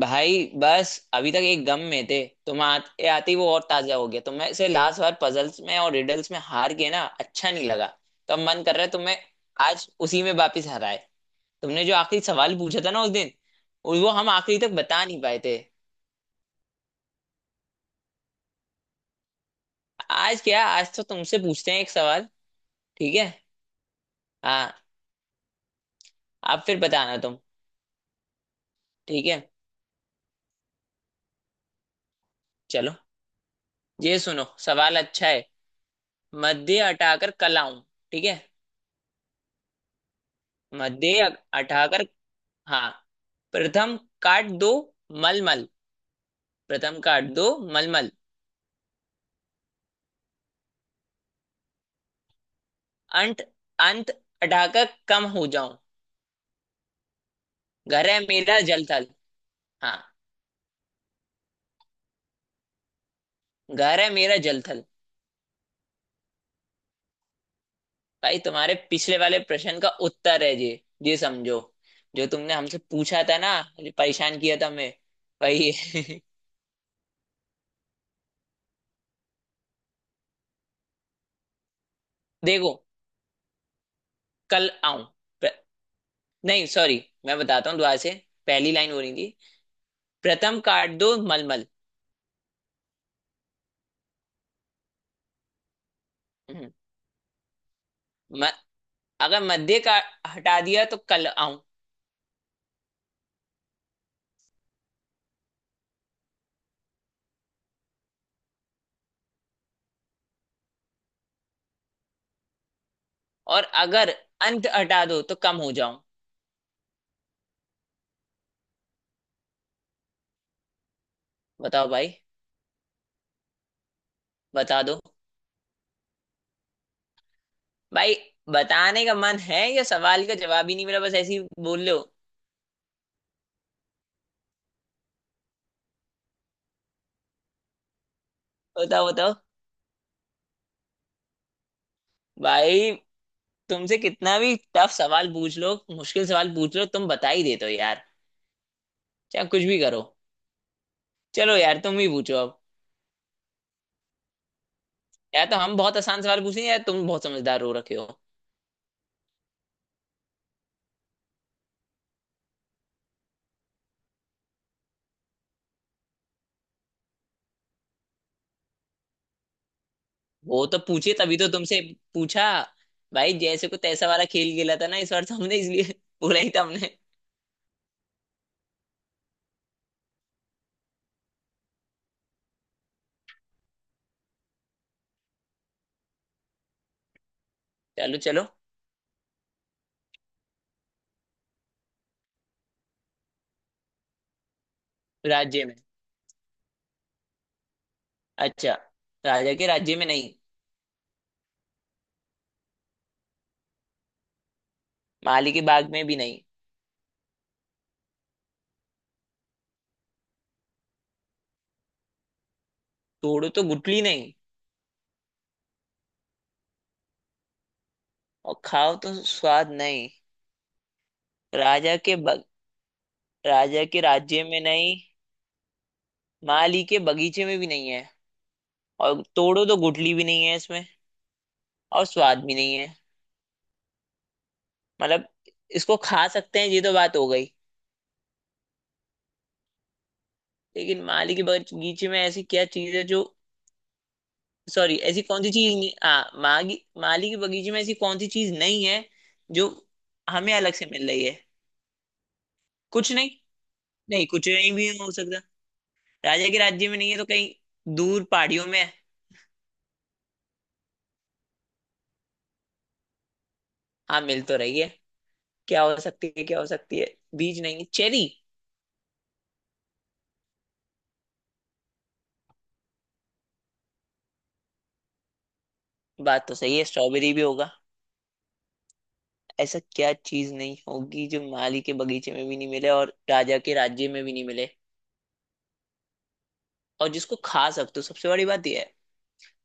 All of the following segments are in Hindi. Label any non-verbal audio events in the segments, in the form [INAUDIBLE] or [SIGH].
भाई बस अभी तक एक गम में थे. तुम आते आते ही वो और ताजा हो गया. तुम्हें से लास्ट बार पजल्स में और रिडल्स में हार गए ना, अच्छा नहीं लगा. तो अब मन कर रहा है तुम्हें आज उसी में वापिस हराए. तुमने जो आखिरी सवाल पूछा था ना उस दिन, और वो हम आखिरी तक बता नहीं पाए थे. आज क्या, आज तो तुमसे पूछते हैं एक सवाल. ठीक है. हाँ. आप फिर बताना तुम. ठीक है. चलो. ये सुनो, सवाल अच्छा है. मध्य हटाकर कल आऊं. ठीक है. मध्य हटाकर, हाँ. प्रथम काट दो मलमल. प्रथम काट दो मलमल. अंत. अंत अटाकर कम हो जाऊं. घर है मेरा जलथल. हाँ. घर है मेरा जलथल. भाई तुम्हारे पिछले वाले प्रश्न का उत्तर है ये. ये समझो, जो तुमने हमसे पूछा था ना, जो परेशान किया था मैं, वही है। [LAUGHS] देखो, कल आऊं. प्र- नहीं सॉरी मैं बताता हूँ दोबारा से. पहली लाइन हो रही थी, प्रथम काट दो मलमल. हम्म, म, अगर मध्य का हटा दिया तो कल आऊं. और अगर अंत हटा दो तो कम हो जाऊं. बताओ भाई. बता दो भाई. बताने का मन है या सवाल का जवाब ही नहीं मिला, बस ऐसे ही बोल रहे हो? बताओ बताओ. भाई तुमसे कितना भी टफ सवाल पूछ लो, मुश्किल सवाल पूछ लो, तुम बता ही देते हो यार. चाहे कुछ भी करो. चलो यार, तुम ही पूछो अब. या तो हम बहुत आसान सवाल पूछे, या तुम बहुत समझदार हो रखे हो. वो तो पूछे तभी तो तुमसे पूछा. भाई जैसे को तैसा वाला खेल खेला था ना इस बार, तो हमने इसलिए [LAUGHS] बोला ही था हमने. चलो चलो. राज्य में. अच्छा. राजा के राज्य में नहीं, माली के बाग में भी नहीं, तोड़ो तो गुठली नहीं, और खाओ तो स्वाद नहीं. राजा के बग, राजा के राज्य में नहीं, माली के बगीचे में भी नहीं है, और तोड़ो तो गुठली भी नहीं है इसमें, और स्वाद भी नहीं है. मतलब इसको खा सकते हैं, ये तो बात हो गई. लेकिन माली के बगीचे में ऐसी क्या चीज है जो, सॉरी, ऐसी कौन सी चीज नहीं, हाँ, मागी माली के बगीचे में ऐसी कौन सी चीज नहीं है जो हमें अलग से मिल रही है. कुछ नहीं. नहीं कुछ नहीं भी हो सकता. राजा के राज्य में नहीं है तो कहीं दूर पहाड़ियों में है. हाँ मिल तो रही है. क्या हो सकती है, क्या हो सकती है. बीज नहीं है, चेरी? बात तो सही है, स्ट्रॉबेरी भी होगा. ऐसा क्या चीज नहीं होगी जो माली के बगीचे में भी नहीं मिले और राजा के राज्य में भी नहीं मिले, और जिसको खा सकते हो, सबसे बड़ी बात यह है.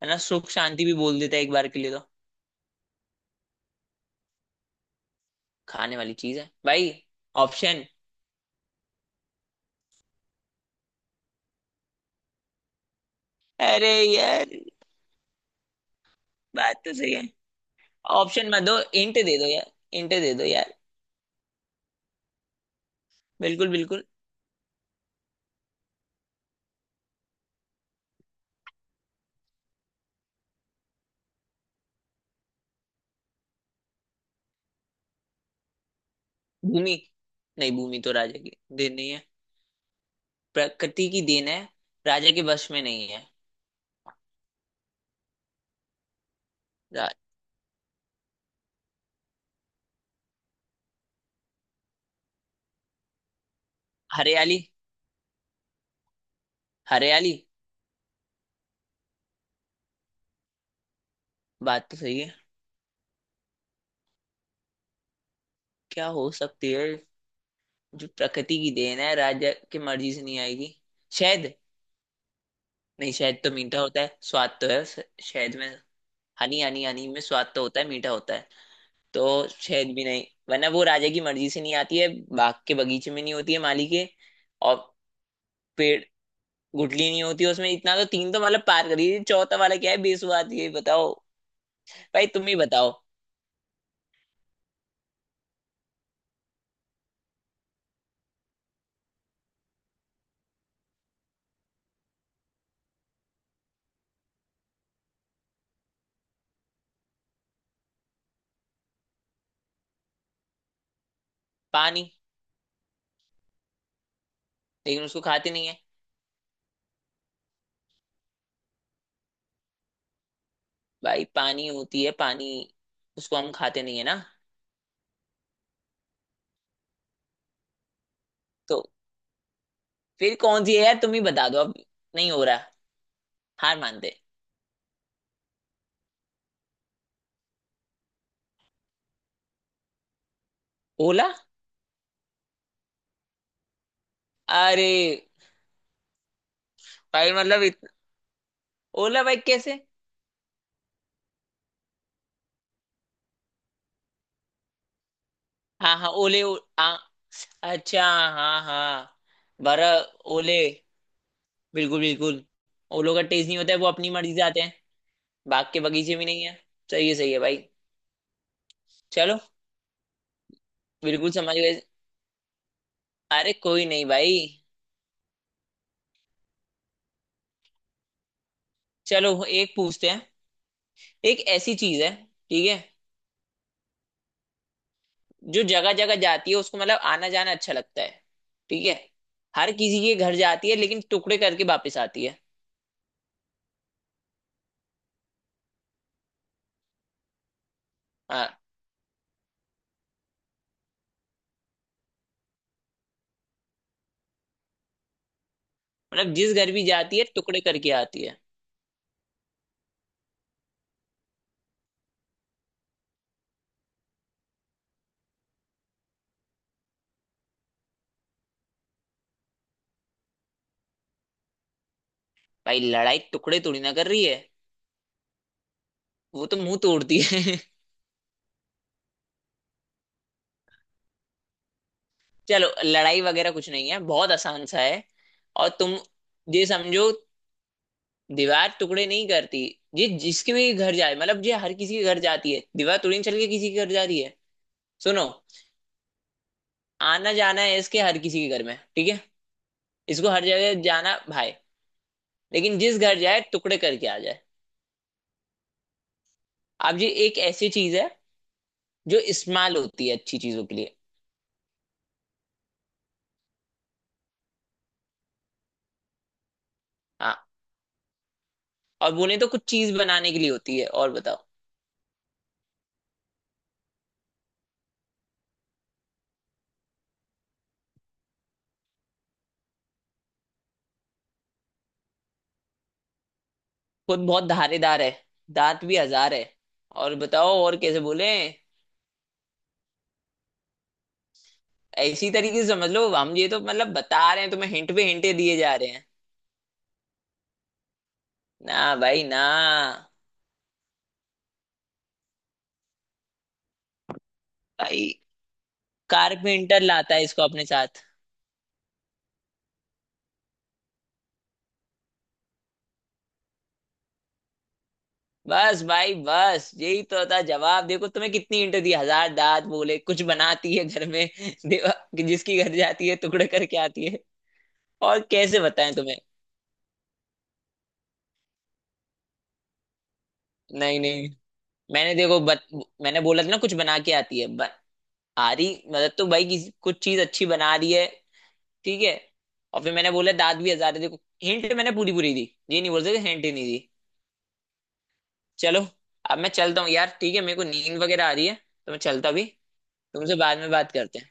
है ना, सुख शांति भी बोल देता है एक बार के लिए तो. खाने वाली चीज है भाई. ऑप्शन. अरे यार, बात तो सही है. ऑप्शन मत दो, इंट दे दो यार. इंट दे दो यार. बिल्कुल बिल्कुल. भूमि. नहीं भूमि तो राजा की देन नहीं है. प्रकृति की देन है, राजा के वश में नहीं है. रा-, हरियाली. हरियाली. बात तो सही है. क्या हो सकती है जो प्रकृति की देन है, राजा की मर्जी से नहीं आएगी? शहद. नहीं शहद तो मीठा होता है, स्वाद तो है उस- शहद में. हनी हनी, हनी में स्वाद तो होता है, मीठा होता है. तो शहद भी नहीं, वरना वो राजा की मर्जी से नहीं आती है, बाग के बगीचे में नहीं होती है माली के. और पेड़, गुठली नहीं होती उसमें, इतना तो तीन तो मतलब पार करी, चौथा वाला क्या है, बेसुआद, ये बताओ. भाई तुम ही बताओ. पानी, लेकिन उसको खाते नहीं है. भाई पानी होती है पानी, उसको हम खाते नहीं है ना. तो फिर कौन सी है यार, तुम ही बता दो अब. नहीं हो रहा, हार मानते. ओला? अरे भाई मतलब इत... ओला भाई कैसे? हाँ हाँ, ओले ओ... आ... अच्छा, हाँ हाँ. बरा, ओले. बिल्कुल बिल्कुल. ओलो का टेस्ट नहीं होता है, वो अपनी मर्जी से आते हैं, बाग के बगीचे भी नहीं है. सही है सही है भाई. चलो. बिल्कुल समझ गए. अरे कोई नहीं भाई. चलो एक पूछते हैं. एक ऐसी चीज है, ठीक है, जो जगह जगह जाती है, उसको मतलब आना जाना अच्छा लगता है. ठीक है. हर किसी के घर जाती है लेकिन टुकड़े करके वापस आती है. हाँ. मतलब जिस घर भी जाती है टुकड़े करके आती है. भाई लड़ाई टुकड़े तोड़ी ना कर रही है, वो तो मुंह तोड़ती है. [LAUGHS] चलो लड़ाई वगैरह कुछ नहीं है, बहुत आसान सा है. और तुम ये समझो, दीवार टुकड़े नहीं करती. ये जिसके भी घर जाए, मतलब ये हर किसी के घर जाती है, दीवार तोड़ने चल के किसी के घर जा रही है. सुनो, आना जाना है इसके हर किसी के घर में, ठीक है. इसको हर जगह जाना भाई, लेकिन जिस घर जाए टुकड़े करके आ जाए. अब ये एक ऐसी चीज है जो इस्तेमाल होती है अच्छी चीजों के लिए. हाँ. और बोले तो कुछ चीज बनाने के लिए होती है, और बताओ. खुद बहुत धारेदार है, दांत भी हजार है, और बताओ और कैसे बोले. इसी तरीके से समझ लो, हम ये तो मतलब बता रहे हैं तुम्हें, हिंट पे हिंटे दिए जा रहे हैं. ना भाई ना. भाई कारपेंटर लाता है इसको अपने साथ. बस भाई बस, यही तो था जवाब. देखो तुम्हें कितनी इंटर दी, हजार दांत बोले, कुछ बनाती है घर में. [LAUGHS] देवा, जिसकी घर जाती है टुकड़े करके आती है, और कैसे बताएं तुम्हें. नहीं नहीं, मैंने देखो बत, मैंने बोला था ना, कुछ बना के आती है ब, आ रही मतलब तो भाई किसी- कुछ चीज अच्छी बना रही है, ठीक है. और फिर मैंने बोला दांत भी हजार है, देखो हिंट मैंने पूरी पूरी दी. ये नहीं बोल सकते हिंट ही नहीं दी. चलो अब मैं चलता हूँ यार, ठीक है, मेरे को नींद वगैरह आ रही है तो मैं चलता भी. तुमसे बाद में बात करते हैं.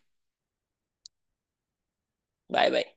Bye bye.